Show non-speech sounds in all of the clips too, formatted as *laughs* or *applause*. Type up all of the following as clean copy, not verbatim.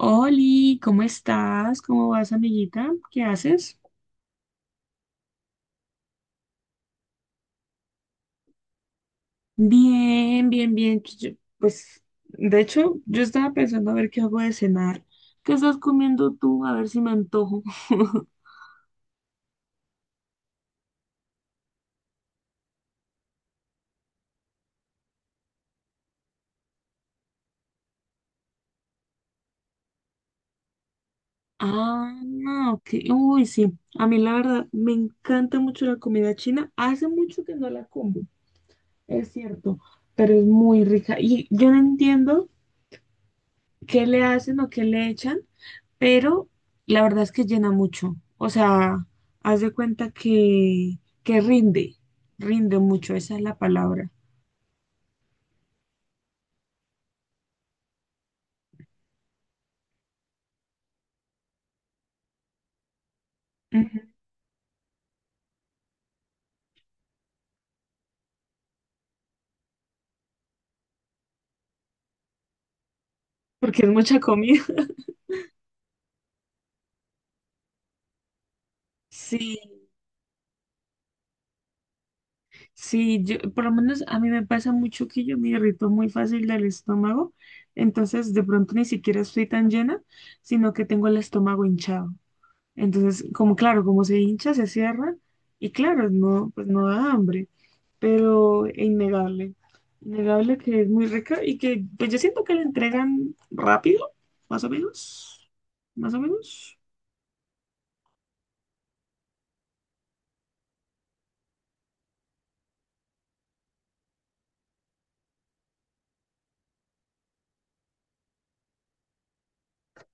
Oli, ¿cómo estás? ¿Cómo vas, amiguita? ¿Qué haces? Bien, bien, bien. Pues, de hecho, yo estaba pensando a ver qué hago de cenar. ¿Qué estás comiendo tú? A ver si me antojo. *laughs* Ah, no, ok. Uy, sí. A mí la verdad me encanta mucho la comida china. Hace mucho que no la como, es cierto, pero es muy rica. Y yo no entiendo qué le hacen o qué le echan, pero la verdad es que llena mucho. O sea, haz de cuenta que, rinde, rinde mucho, esa es la palabra. Ujú. Porque es mucha comida. *laughs* Sí, sí, yo, por lo menos a mí me pasa mucho que yo me irrito muy fácil del estómago, entonces de pronto ni siquiera estoy tan llena, sino que tengo el estómago hinchado. Entonces, como claro, como se hincha, se cierra y claro, no, pues no da hambre, pero es innegable, innegable que es muy rica y que pues yo siento que la entregan rápido, más o menos, más o menos.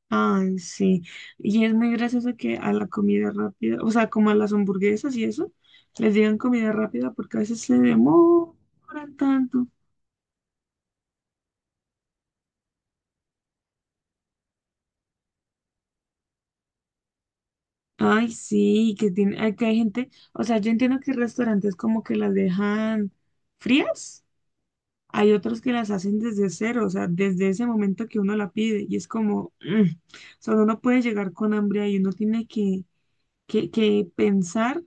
Ay, sí. Y es muy gracioso que a la comida rápida, o sea, como a las hamburguesas y eso, les digan comida rápida porque a veces se demoran tanto. Ay, sí, que tiene, ay, que hay gente, o sea, yo entiendo que restaurantes como que las dejan frías, hay otros que las hacen desde cero, o sea, desde ese momento que uno la pide, y es como, o sea, uno no puede llegar con hambre ahí, uno tiene que, que pensar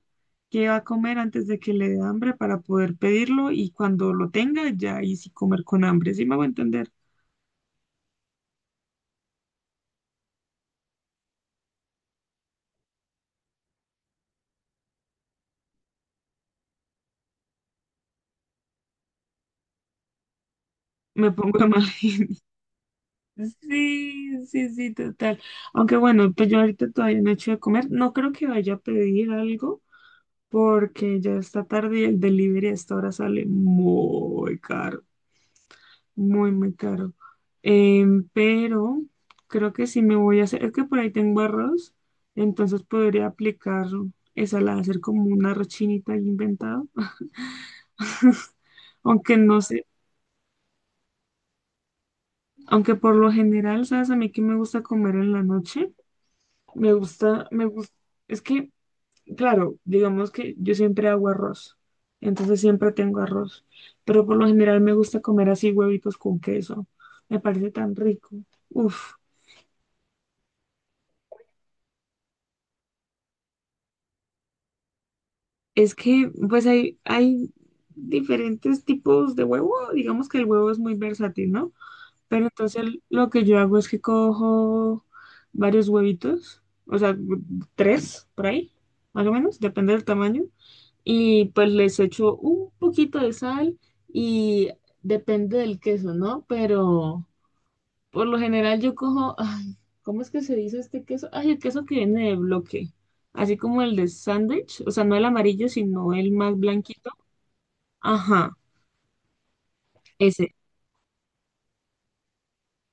qué va a comer antes de que le dé hambre para poder pedirlo, y cuando lo tenga, ya ahí sí comer con hambre. ¿Sí me voy a entender? Me pongo de mal *laughs* genio. Sí, sí, sí, total. Aunque bueno, pues yo ahorita todavía no he hecho de comer. No creo que vaya a pedir algo porque ya está tarde y el delivery a esta hora sale muy caro, muy, muy caro. Pero creo que sí me voy a hacer, es que por ahí tengo arroz, entonces podría aplicar esa, la hacer como una arroz chinita ahí inventado. *laughs* Aunque no sé, aunque por lo general, ¿sabes? A mí que me gusta comer en la noche, me gusta, es que... Claro, digamos que yo siempre hago arroz, entonces siempre tengo arroz, pero por lo general me gusta comer así huevitos con queso, me parece tan rico. Uf, es que pues hay diferentes tipos de huevo, digamos que el huevo es muy versátil, ¿no? Pero entonces lo que yo hago es que cojo varios huevitos, o sea, tres por ahí, más o menos, depende del tamaño. Y pues les echo un poquito de sal y depende del queso, ¿no? Pero por lo general yo cojo, ay, ¿cómo es que se dice este queso? Ay, el queso que viene de bloque, así como el de sándwich, o sea, no el amarillo, sino el más blanquito. Ajá, ese.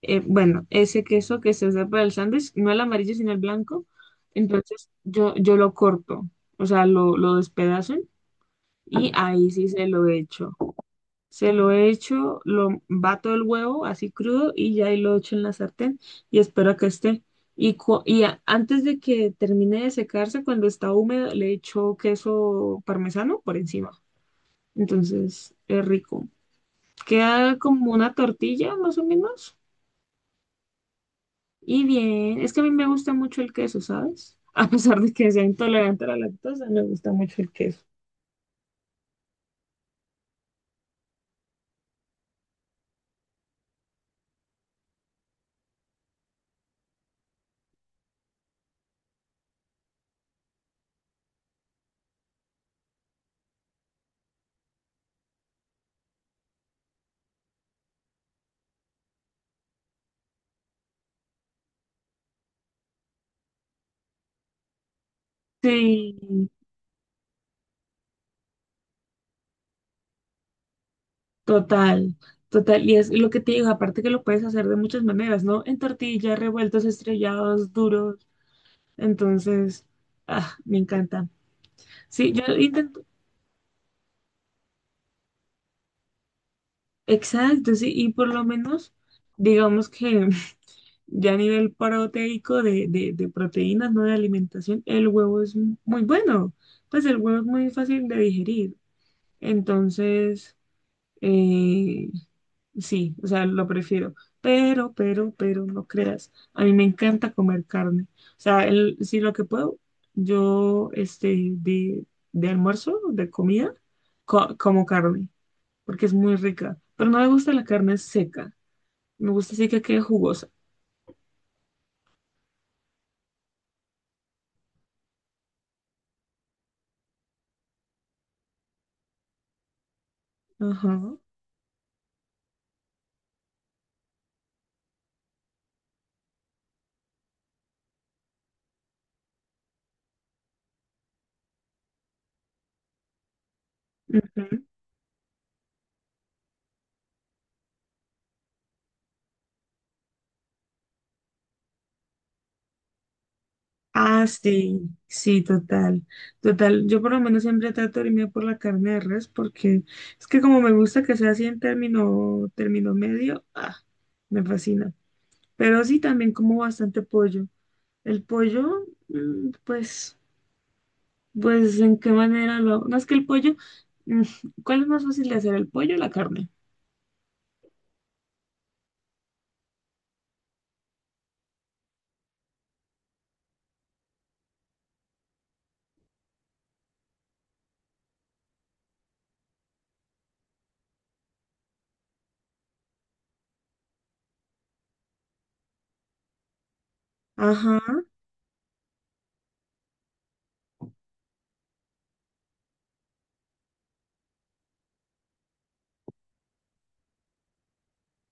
Bueno, ese queso que se usa para el sándwich, no el amarillo, sino el blanco. Entonces yo lo corto, o sea, lo despedazo y ahí sí se lo echo. Se lo echo, lo bato el huevo así crudo y ya ahí lo echo en la sartén y espero a que esté. Y, antes de que termine de secarse, cuando está húmedo, le echo queso parmesano por encima. Entonces es rico. Queda como una tortilla más o menos. Y bien, es que a mí me gusta mucho el queso, ¿sabes? *laughs* A pesar de que sea intolerante a la lactosa, me gusta mucho el queso. Sí, total, total. Y es lo que te digo, aparte que lo puedes hacer de muchas maneras, ¿no? En tortillas, revueltos, estrellados, duros. Entonces, ah, me encanta. Sí, yo intento, exacto, sí, y por lo menos, digamos que *laughs* ya a nivel proteico de, de proteínas, no de alimentación, el huevo es muy bueno. Pues el huevo es muy fácil de digerir. Entonces, eh, sí, o sea, lo prefiero. Pero, pero, no creas. A mí me encanta comer carne. O sea, si lo que puedo, yo, de almuerzo, de comida, como carne, porque es muy rica. Pero no me gusta la carne seca. Me gusta así que quede jugosa. Ajá. Ujú. Ah, sí, sí, total, total. Yo por lo menos siempre trato de irme por la carne de res porque es que como me gusta que sea así en término, término medio, ah, me fascina. Pero sí, también como bastante pollo. El pollo, mm, pues, pues, ¿en qué manera lo hago? No es que el pollo, mm, ¿cuál es más fácil de hacer, el pollo o la carne? Ajá.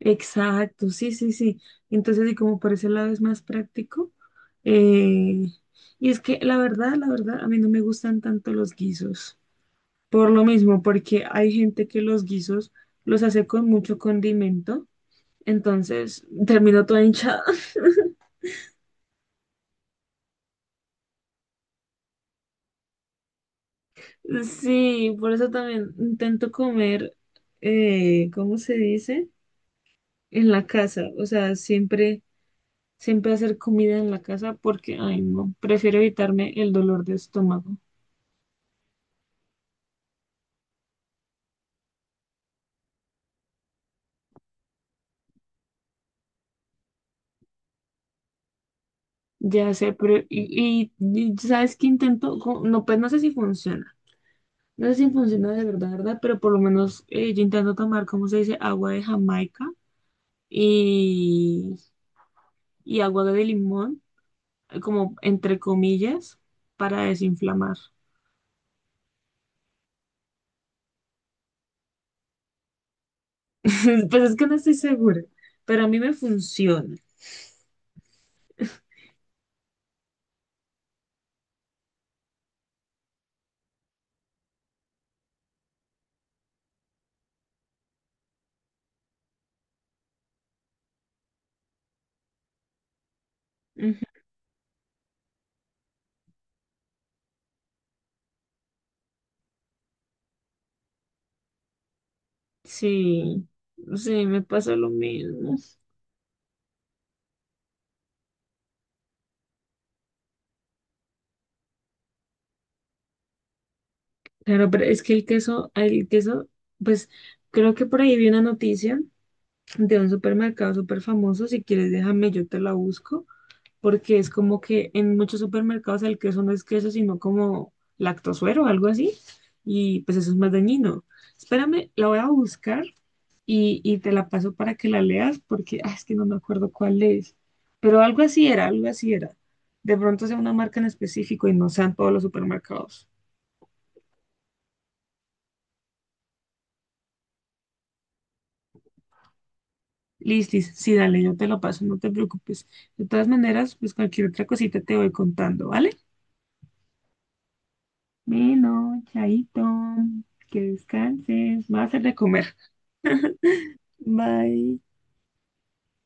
Exacto, sí, sí, sí. Entonces, y como por ese lado es más práctico. eh, y es que la verdad, a mí no me gustan tanto los guisos. Por lo mismo, porque hay gente que los guisos los hace con mucho condimento. Entonces, termino toda hinchada. *laughs* Sí, por eso también intento comer, ¿cómo se dice? En la casa. O sea, siempre, siempre hacer comida en la casa porque, ay, no, prefiero evitarme el dolor de estómago. Ya sé, pero y sabes que intento, no, pues no sé si funciona, no sé si funciona de verdad, verdad, pero por lo menos yo intento tomar, ¿cómo se dice? Agua de Jamaica y, y agua de limón, como entre comillas, para desinflamar. *laughs* Pues es que no estoy segura, pero a mí me funciona. Ujú. Sí, sí, me pasa lo mismo. Claro, pero es que el queso, pues creo que por ahí vi una noticia de un supermercado súper famoso. Si quieres, déjame, yo te la busco, porque es como que en muchos supermercados el queso no es queso, sino como lactosuero o algo así, y pues eso es más dañino. Espérame, la voy a buscar y te la paso para que la leas, porque ah, es que no me acuerdo cuál es, pero algo así era, algo así era. De pronto sea una marca en específico y no sean todos los supermercados. Listis, sí, dale, yo te lo paso, no te preocupes. De todas maneras, pues cualquier otra cosita te voy contando, ¿vale? Bueno, chaito, que descanses, va a hacer de comer. Bye.